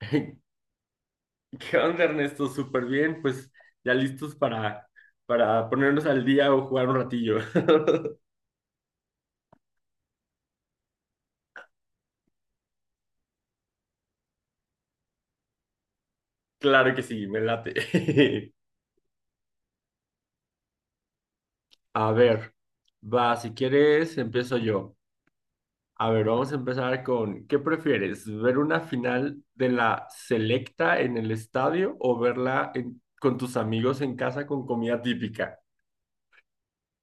¿Qué onda, Ernesto? Súper bien, pues ya listos para ponernos al día o jugar un ratillo. Claro que sí, me late. A ver, va, si quieres, empiezo yo. A ver, vamos a empezar con, ¿qué prefieres? ¿Ver una final de la Selecta en el estadio o verla con tus amigos en casa con comida típica?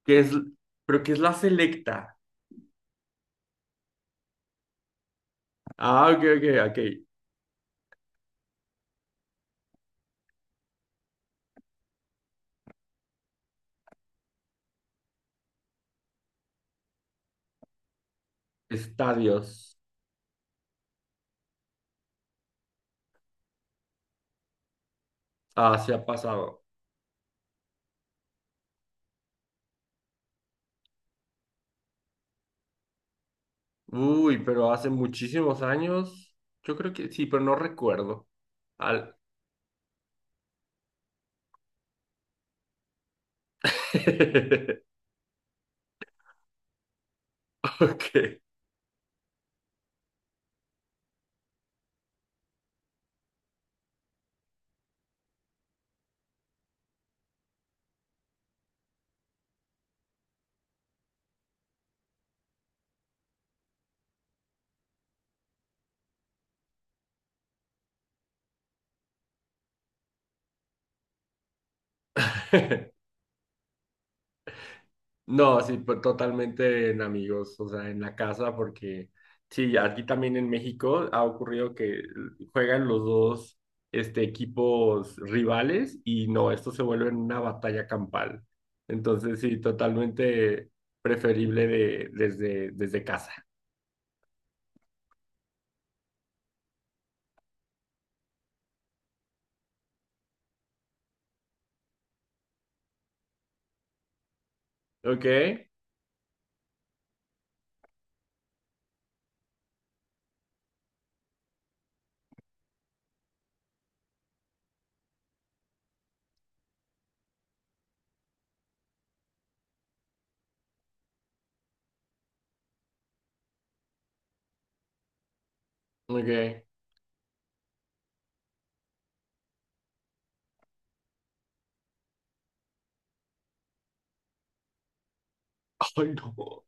¿Qué es, ¿pero qué es la Selecta? Ah, ok, ok, ok. Estadios. Ah, se ha pasado. Uy, pero hace muchísimos años. Yo creo que sí, pero no recuerdo. Al... Ok. No, sí, pues, totalmente en amigos, o sea, en la casa, porque sí, aquí también en México ha ocurrido que juegan los dos este, equipos rivales y no, esto se vuelve una batalla campal. Entonces, sí, totalmente preferible desde casa. Ok, ok. Ay, no.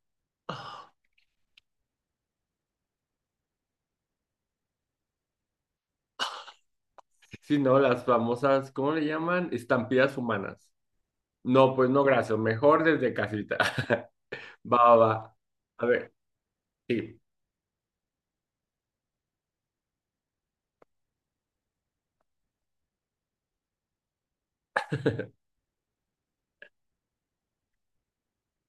Sí, no, las famosas, ¿cómo le llaman? Estampillas humanas. No, pues no, gracias. Mejor desde casita. Va, va, va. A ver, sí.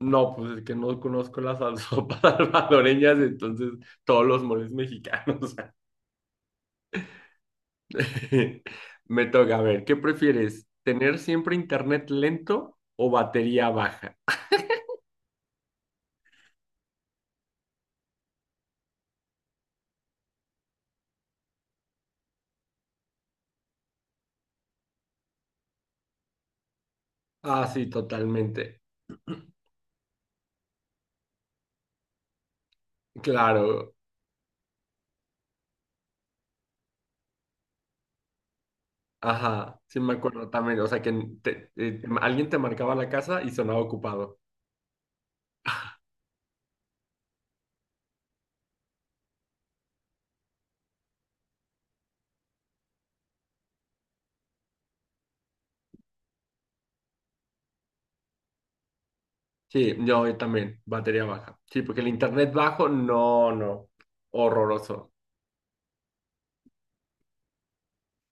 No, pues es que no conozco las sopas salvadoreñas, entonces todos los moles mexicanos. Me toca, a ver, ¿qué prefieres? ¿Tener siempre internet lento o batería baja? Ah, sí, totalmente. Claro. Ajá, sí me acuerdo también. O sea, que alguien te marcaba la casa y sonaba ocupado. Sí, yo también, batería baja. Sí, porque el internet bajo, no, no, horroroso.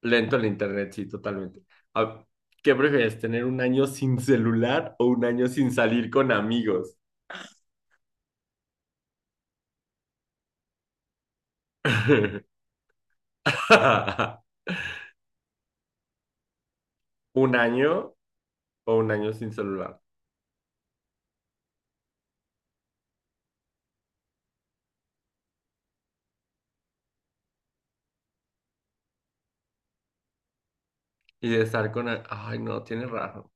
Lento el internet, sí, totalmente. Ah, ¿qué prefieres, tener un año sin celular o un año sin salir con amigos? ¿Un año o un año sin celular? Y de estar con... a- Ay, no, tiene raro.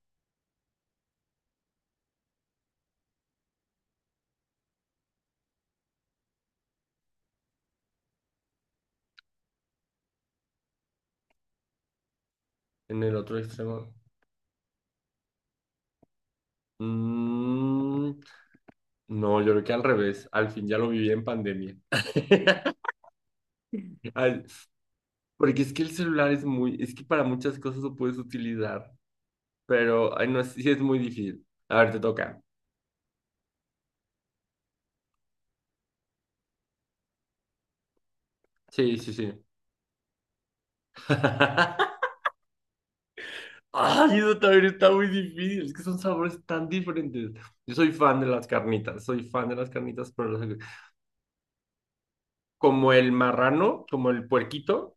En el otro extremo. Mm, no, yo creo que al revés. Al fin ya lo viví en pandemia. Al- Porque es que el celular es muy, es que para muchas cosas lo puedes utilizar, pero ay, no, es- sí es muy difícil. A ver, te toca. Sí, sí, sí. Ay, eso también está muy difícil, es que son sabores tan diferentes. Yo soy fan de las carnitas, soy fan de las carnitas, pero las- como el marrano, como el puerquito.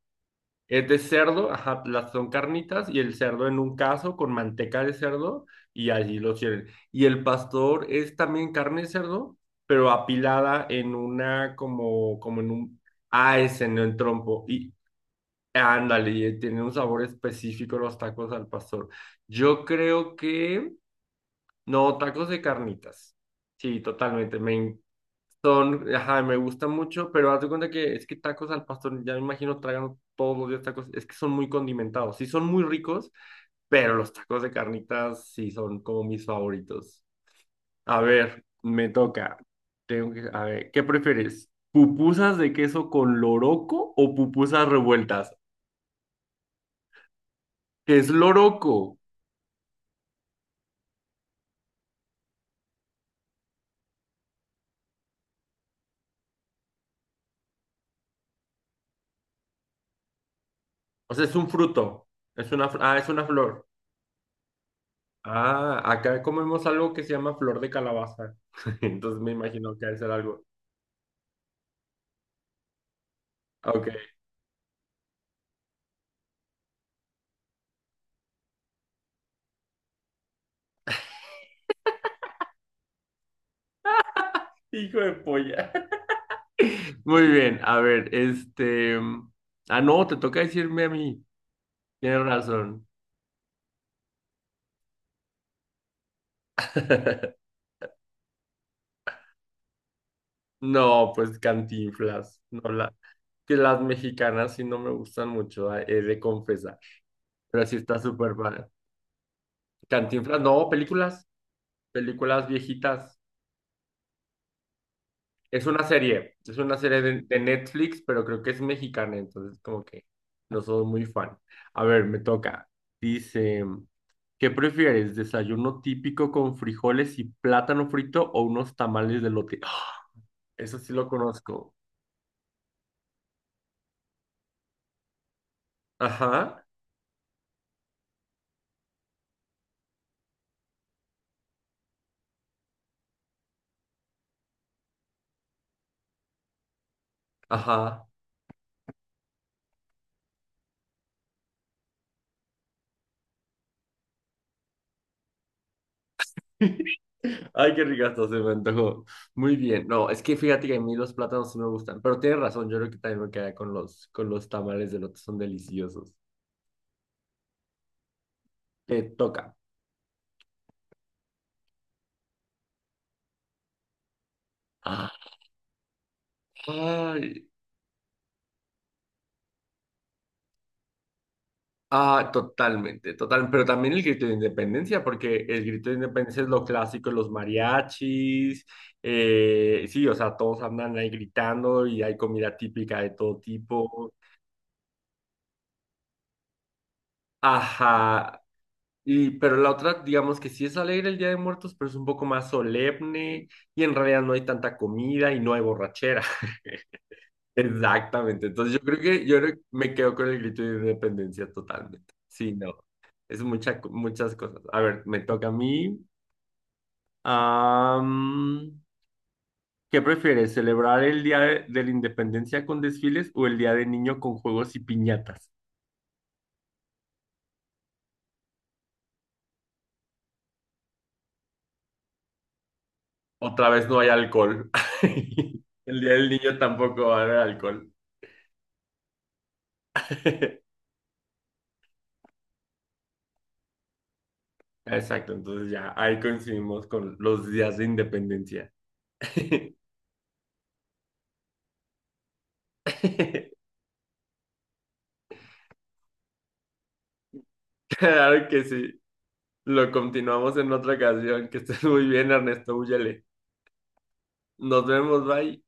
Es de cerdo, ajá, las son carnitas y el cerdo en un caso con manteca de cerdo y allí lo tienen. Y el pastor es también carne de cerdo, pero apilada en una como, como en un... Ah, ese no en trompo. Y ándale, y tiene un sabor específico los tacos al pastor. Yo creo que... No, tacos de carnitas. Sí, totalmente. Me son, ajá, me gustan mucho, pero haz de cuenta que es que tacos al pastor, ya me imagino tragan todos los días tacos, es que son muy condimentados, sí son muy ricos, pero los tacos de carnitas sí son como mis favoritos. A ver, me toca. Tengo que, a ver, ¿qué prefieres? ¿Pupusas de queso con loroco o pupusas revueltas? ¿Qué es loroco? O sea, es un fruto, es una, es una flor. Ah, acá comemos algo que se llama flor de calabaza, entonces me imagino que debe ser algo. Ok. Hijo de polla. Muy bien, a ver, este... Ah, no, te toca decirme a mí. Tienes razón. No, pues Cantinflas. No la... Que las mexicanas sí no me gustan mucho, he de confesar. Pero sí está súper padre. Cantinflas, no, películas. Películas viejitas. Es una serie. Es una serie de Netflix, pero creo que es mexicana, entonces como que no soy muy fan. A ver, me toca. Dice... ¿Qué prefieres? ¿Desayuno típico con frijoles y plátano frito o unos tamales de lote? ¡Ah! Eso sí lo conozco. Ajá, ajá. Ay, qué ricazo se me antojó. Muy bien. No, es que fíjate que a mí los plátanos sí me gustan, pero tienes razón, yo creo que también me quedaría con con los tamales de lote, son deliciosos. Te toca. Ah, ay, ah, totalmente, total, pero también el grito de independencia, porque el grito de independencia es lo clásico, los mariachis, sí, o sea, todos andan ahí gritando y hay comida típica de todo tipo. Ajá, y pero la otra, digamos que sí es alegre el Día de Muertos, pero es un poco más solemne y en realidad no hay tanta comida y no hay borrachera. Exactamente, entonces yo creo que me quedo con el grito de independencia totalmente. Sí, no, es mucha, co- muchas cosas. A ver, me toca a mí. Am, ¿Qué prefieres? ¿Celebrar el Día de la Independencia con desfiles o el Día del Niño con juegos y piñatas? Otra vez no hay alcohol. El día del niño tampoco va a haber alcohol. Exacto, entonces ya ahí coincidimos con los días de independencia. Claro que sí. Lo continuamos en otra ocasión. Que estés muy bien, Ernesto. Úyale. Nos vemos, bye.